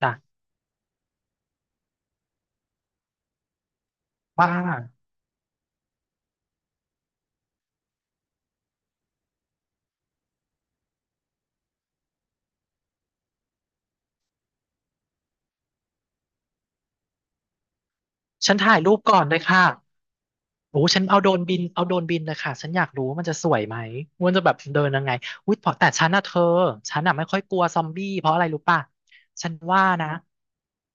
จ้ะว่าฉันถ่ายรูปก่อนเลยค่ะโอ้ฉันเอาโดรนบินเอาโดรนบินเลยค่ะฉันอยากรู้ว่ามันจะสวยไหมม่นจะแบบเดินยังไงอุ้ยเพราะแต่ฉันอ่ะเธอฉันอ่ะไม่ค่อยกลัวซอมบี้เพราะอะไรรู้ป่ะฉันว่านะ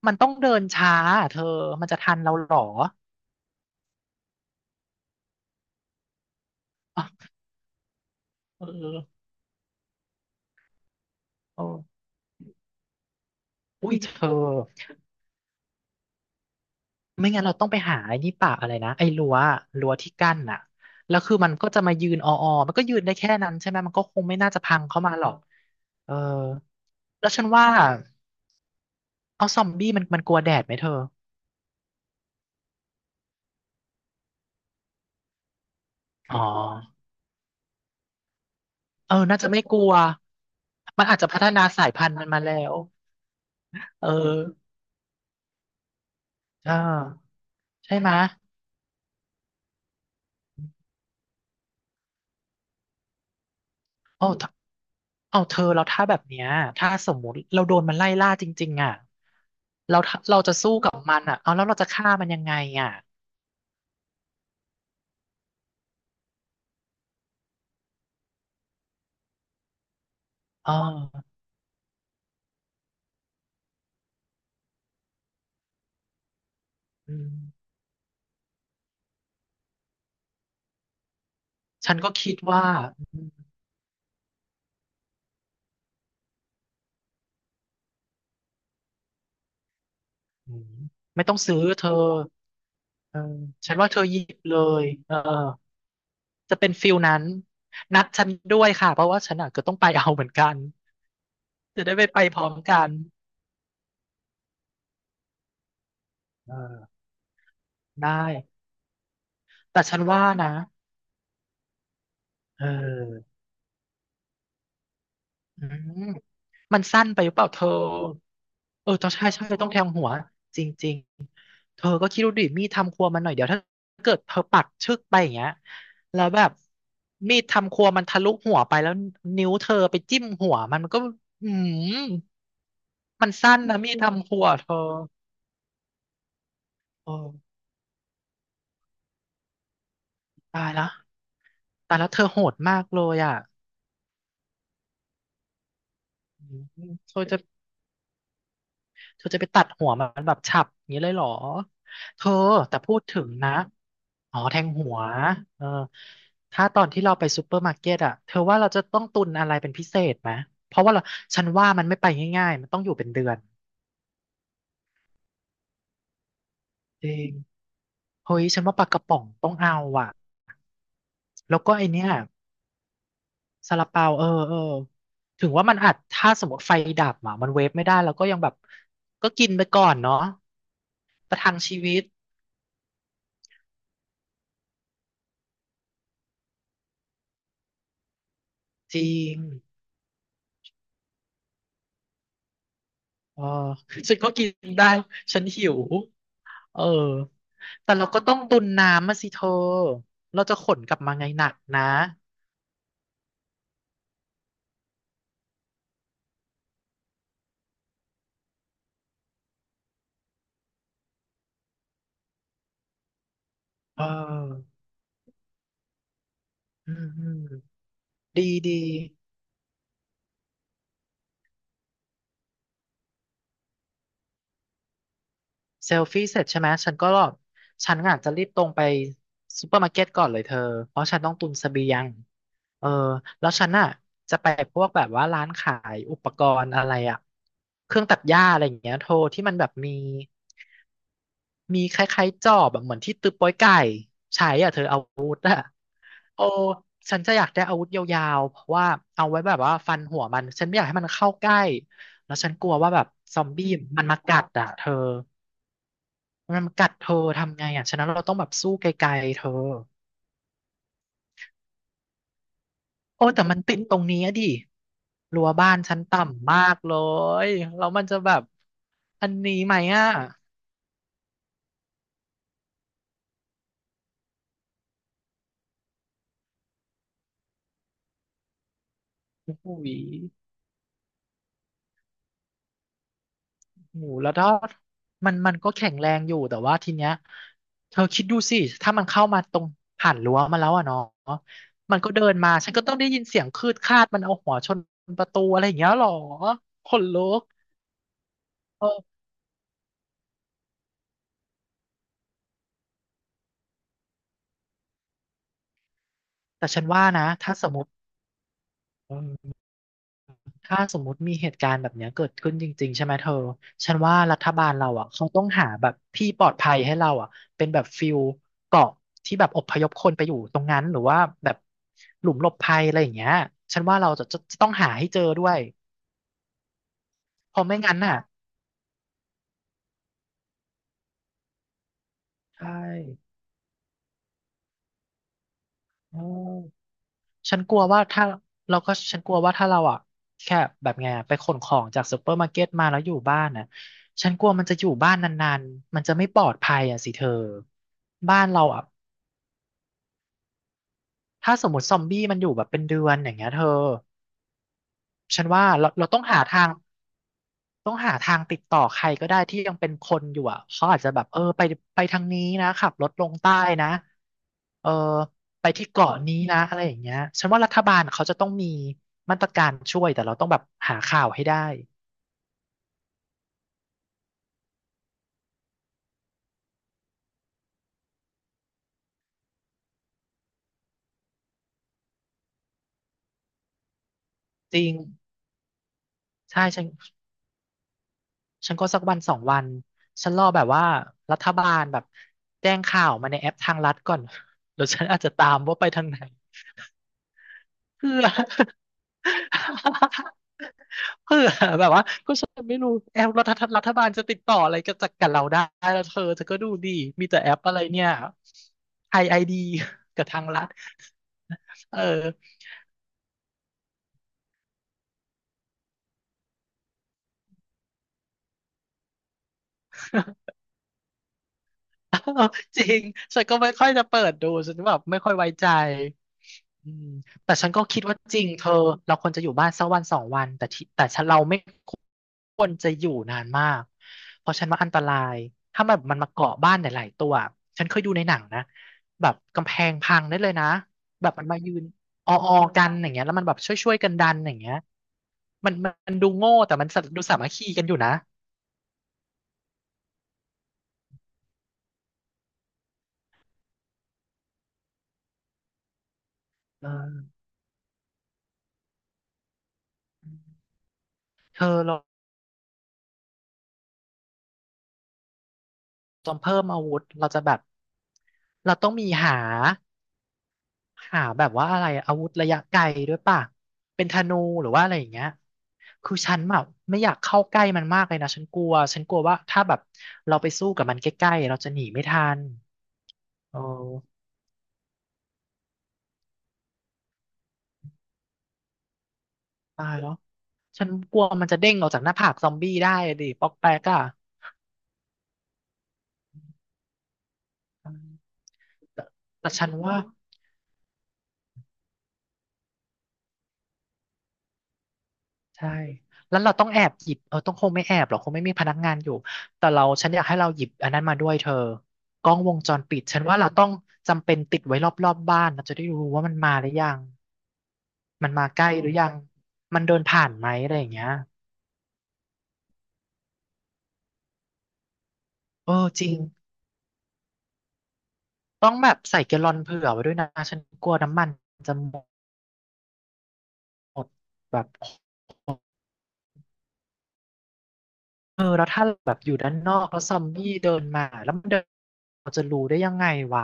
มันต้องเดินช้าอะเธอมันจะทันเราเหรออเออเอออุ้ยเธอ ไม่งั้นเราต้องไปหาไอ้นี่ป่าอะไรนะไอ้รั้วที่กั้นน่ะแล้วคือมันก็จะมายืนอมันก็ยืนได้แค่นั้นใช่ไหมมันก็คงไม่น่าจะพังเข้ามาหรอกเออแล้วฉันว่าเอาซอมบี้มันกลัวแดดไหมเธออ๋อเออน่าจะไม่กลัวมันอาจจะพัฒนาสายพันธุ์มันมาแล้วเออเออใช่ไหมโอ้ถ้าเอาเธอเราถ้าแบบเนี้ยถ้าสมมุติเราโดนมันไล่ล่าจริงๆอ่ะเราถ้าเราจะสู้กับมันอ่ะเอาแล้วเราจะฆ่ามันยังไงอ่ะ อ่าอืมฉันก็คิดว่าอืมไม่ต้องซื้อเธอเออฉันว่าเธอหยิบเลยเออจะเป็นฟิลนั้น นัดฉันด้วยค่ะ เพราะว่าฉันอ่ะก็ต้องไปเอาเหมือนกันจะได้ไปไปพร้อมกันเออได้ แต่ฉันว่านะเอออืมมันสั้นไปหรือเปล่าเธอเออต้องใช่ต้องแทงหัวจริงๆ เธอก็คิดดูดิมีดทำครัวมันหน่อยเดี๋ยวถ้าเกิดเธอปักชึกไปอย่างเงี้ยแล้วแบบมีดทำครัวมันทะลุหัวไปแล้วนิ้วเธอไปจิ้มหัวมันมันก็อืมมันสั้นนะมีดทำครัวเธอโอ้ตายแลวตายแล้วเธอโหดมากเลยอ่ะอืมเธอจะ เธอจะไปตัดหัวมันแบบฉับอย่างนี้เลยเหรอ เธอแต่พูดถึงนะ อ๋อแทงหัวเออถ้าตอนที่เราไปซูเปอร์มาร์เก็ตอะเธอว่าเราจะต้องตุนอะไรเป็นพิเศษไหมเพราะว่าเราฉันว่ามันไม่ไปง่ายๆ มันต้องอยู่เป็นเดือนจริงเฮ้ย ฉันว่าปลากระป๋องต้องเอาอ่ะแล้วก็ไอเนี้ยซาลาเปาเออเออถึงว่ามันอัจถ้าสมมติไฟดับอ่ะมันเวฟไม่ได้แล้วก็ยังแบบก็กินไปก่อนเนาะประทังชีวิตจริง เออฉันก็กินได้ฉันหิวเออแต่เราก็ต้องตุนน้ำมาสิเธอเราจะขนกลับมาไงหนักนะเอออืมดี เซลฟี่เสร็จใช่ไหม ฉันก็ฉันอาจจะรีบตรงไปซูเปอร์มาร์เก็ตก่อนเลยเธอ เพราะฉันต้องตุนเสบียงเออ แล้วฉันน่ะจะไปพวกแบบว่าร้านขายอุปกรณ์อะไรอะเครื่องตัดหญ้าอะไรอย่างเงี้ยโทรที่มันแบบมี มีคล้ายๆจอบแบบเหมือนที่ตึกโป๊ยไก่ใช้อ่ะเธอเอาโอ้ ฉันจะอยากได้อาวุธยาวๆเพราะว่าเอาไว้แบบว่าฟันหัวมันฉันไม่อยากให้มันเข้าใกล้แล้วฉันกลัวว่าแบบซอมบี้มันมากัดอ่ะเธอ มันกัดเธอทำไงอ่ะฉะนั้นเราต้องแบบสู้ไกลๆเธอโอ้แต่มันติดตรงนี้อะดิรั้วบ้านชั้นต่ำมากเลยแล้วมันจะแบบอันนี้ไหมอ่ะโอ้โหหมูแล้วทอดมันก็แข็งแรงอยู่แต่ว่าทีเนี้ยเธอคิดดูสิ ถ้ามันเข้ามาตรงผ่านรั้วมาแล้วอ่ะเนาะมันก็เดินมาฉันก็ต้องได้ยินเสียงคืดคาดมันเอาหัวชนประตูอะไรอย่างเงี้ยหรอขนลุกเออแต่ฉันว่านะถ้าสมมติ ถ้าสมมุติมีเหตุการณ์แบบเนี้ยเกิดขึ้นจริงๆใช่ไหมเธอ ฉันว่ารัฐบาลเราอ่ะเขาต้องหาแบบที่ปลอดภัยให้เราอ่ะเป็นแบบฟิลเกาะที่แบบอพยพคนไปอยู่ตรงนั้นหรือว่าแบบหลุมหลบภัยอะไรอย่างเงี้ยฉันว่าเราจะต้องหาให้เจอด้วยเพราะไม่งั้นน่ะใช่เออฉันกลัวว่าถ้าเราก็ฉันกลัวว่าถ้าเราอ่ะแค่แบบไงอะไปขนของจากซูเปอร์มาร์เก็ตมาแล้วอยู่บ้านน่ะฉันกลัวมันจะอยู่บ้านนานๆมันจะไม่ปลอดภัยอ่ะสิเธอบ้านเราอ่ะ ถ้าสมมติซอมบี้มันอยู่แบบเป็นเดือนอย่างเงี้ยเธอฉันว่าเราต้องหาทางต้องหาทางติดต่อใครก็ได้ที่ยังเป็นคนอยู่อ่ะเขาอาจจะแบบเออไปไปทางนี้นะขับรถลงใต้นะเออไปที่เกาะนี้นะอะไรอย่างเงี้ยฉันว่ารัฐบาลเขาจะต้องมีมาตรการช่วยแต่เราต้องแบบหาข่าวให้ได้จริงใช่ฉันฉันก็สักวันสองวันฉันรอแบบว่ารัฐบาลแบบแจ้งข่าวมาในแอปทางรัฐก่อน แล้วฉันอาจจะตามว่าไปทางไหน เผื่อ เผื่อแบบว่าก็ฉันไม่รู้แอปรัฐรัฐบาลจะติดต่ออะไรกับจากกับเราได้แล้วเธอก็ดูดีมีแต่แอปอะไรเนี่ยไอดีกับทางรัฐเออ จริงฉันก็ไม่ค่อยจะเปิดดูฉันแบบไม่ค่อยไว้ใจอืมแต่ฉันก็คิดว่าจริงเธอเราควรจะอยู่บ้านสักวันสองวันแต่ฉันเราไม่ควรจะอยู่นานมากเพราะฉันว่าอันตรายถ้ามันมาเกาะบ้านหลายๆตัวฉันเคยดูในหนังนะแบบกำแพงพังได้เลยนะแบบมันมายืนอออกันอย่างเงี้ยแล้วมันแบบช่วยๆกันดันอย่างเงี้ยมันดูโง่แต่มันดูสามัคคีกันอยู่นะเออเธอเรา จนเพิ่มอาวุธเราจะแบบเราต้องมีหาหาแบบว่าอะไรอาวุธระยะไกลด้วยป่ะเป็นธนูหรือว่าอะไรอย่างเงี้ยคือฉันแบบไม่อยากเข้าใกล้มันมากเลยนะฉันกลัวว่าถ้าแบบเราไปสู้กับมันใกล้ๆเราจะหนีไม่ทันโอ้ตายแล้วฉันกลัวมันจะเด้งออกจากหน้าผากซอมบี้ได้อะดิปอกแปกอะอืมแต่แต่ฉันว่า ใช่ แล้วเราต้องแอบหยิบเออต้องคงไม่แอบหรอกคงไม่มีพนักงานอยู่ แต่เราฉันอยากให้เราหยิบอันนั้นมาด้วยเธอกล้องวงจรปิดฉันว่าเราต้องจำเป็นติดไว้รอบบ้านเราจะได้รู้ว่ามันมาหรือยังมันมาใกล้หรือยัง มันเดินผ่านไหมอะไรอย่างเงี้ยเออจริงต้องแบบใส่แกลลอนเผื่อไว้ด้วยนะฉันกลัวน้ำมันจะหมดแบบเออแล้วถ้าแบบอยู่ด้านนอกแล้วซอมบี้เดินมาแล้วมันเดินเราจะรู้ได้ยังไงวะ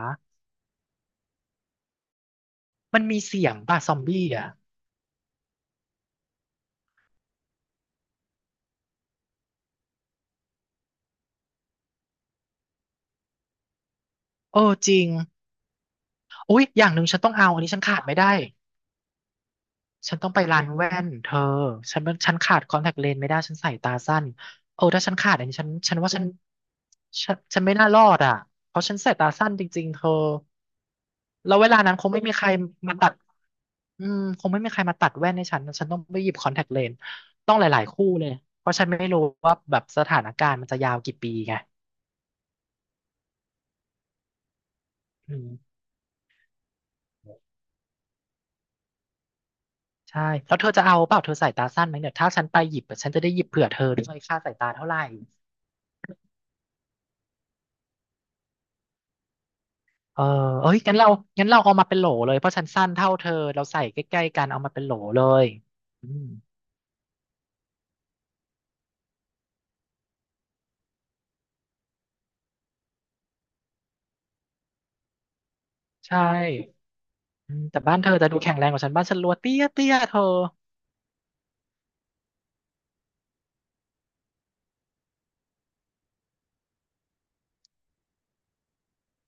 มันมีเสียงป่ะซอมบี้อ่ะ เออจริงอุ๊ยอย่างหนึ่งฉันต้องเอาอันนี้ฉันขาดไม่ได้ ฉันต้องไปร้านแว่นเธอฉันขาดคอนแทคเลนส์ไม่ได้ฉันใส่ตาสั้น เออถ้าฉันขาดอันนี้ฉันว่าฉัน ฉันไม่น่ารอดอ่ะเพราะฉันใส่ตาสั้นจริงๆเธอ แล้วเวลานั้นคงไม่มีใครมาตัดอืมคงไม่มีใครมาตัดแว่นให้ฉัน ฉันต้องไปหยิบคอนแทคเลนส์ต้องหลายๆคู่เลยเพราะฉันไม่รู้ว่าแบบสถานการณ์มันจะยาวกี่ปีไงอืม ใช่แล้วเธอจะเอาเปล่าเธอสายตาสั้นไหมเนี่ยถ้าฉันไปหยิบอะฉันจะได้หยิบเผื่อเธอด้วยค่าสายตาเท่าไหร่เออเอ้ยงั้นเราเอามาเป็นโหลเลยเพราะฉันสั้นเท่าเธอเราใส่ใกล้ๆกันเอามาเป็นโหลเลยอืมใช่อืมแต่บ้านเธอจะดูแข็งแรงกว่าฉันบ้านฉันรัวเตี้ยเธอ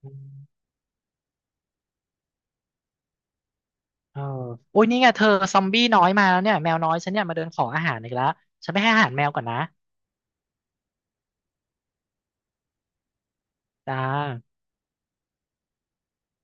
อืมเออโอุ้ยนี่ไงเธอซอมบี้น้อยมาแล้วเนี่ยแมวน้อยฉันเนี่ยมาเดินขออาหารอีกแล้ว ฉันไปให้อาหารแมวก่อนนะจ้า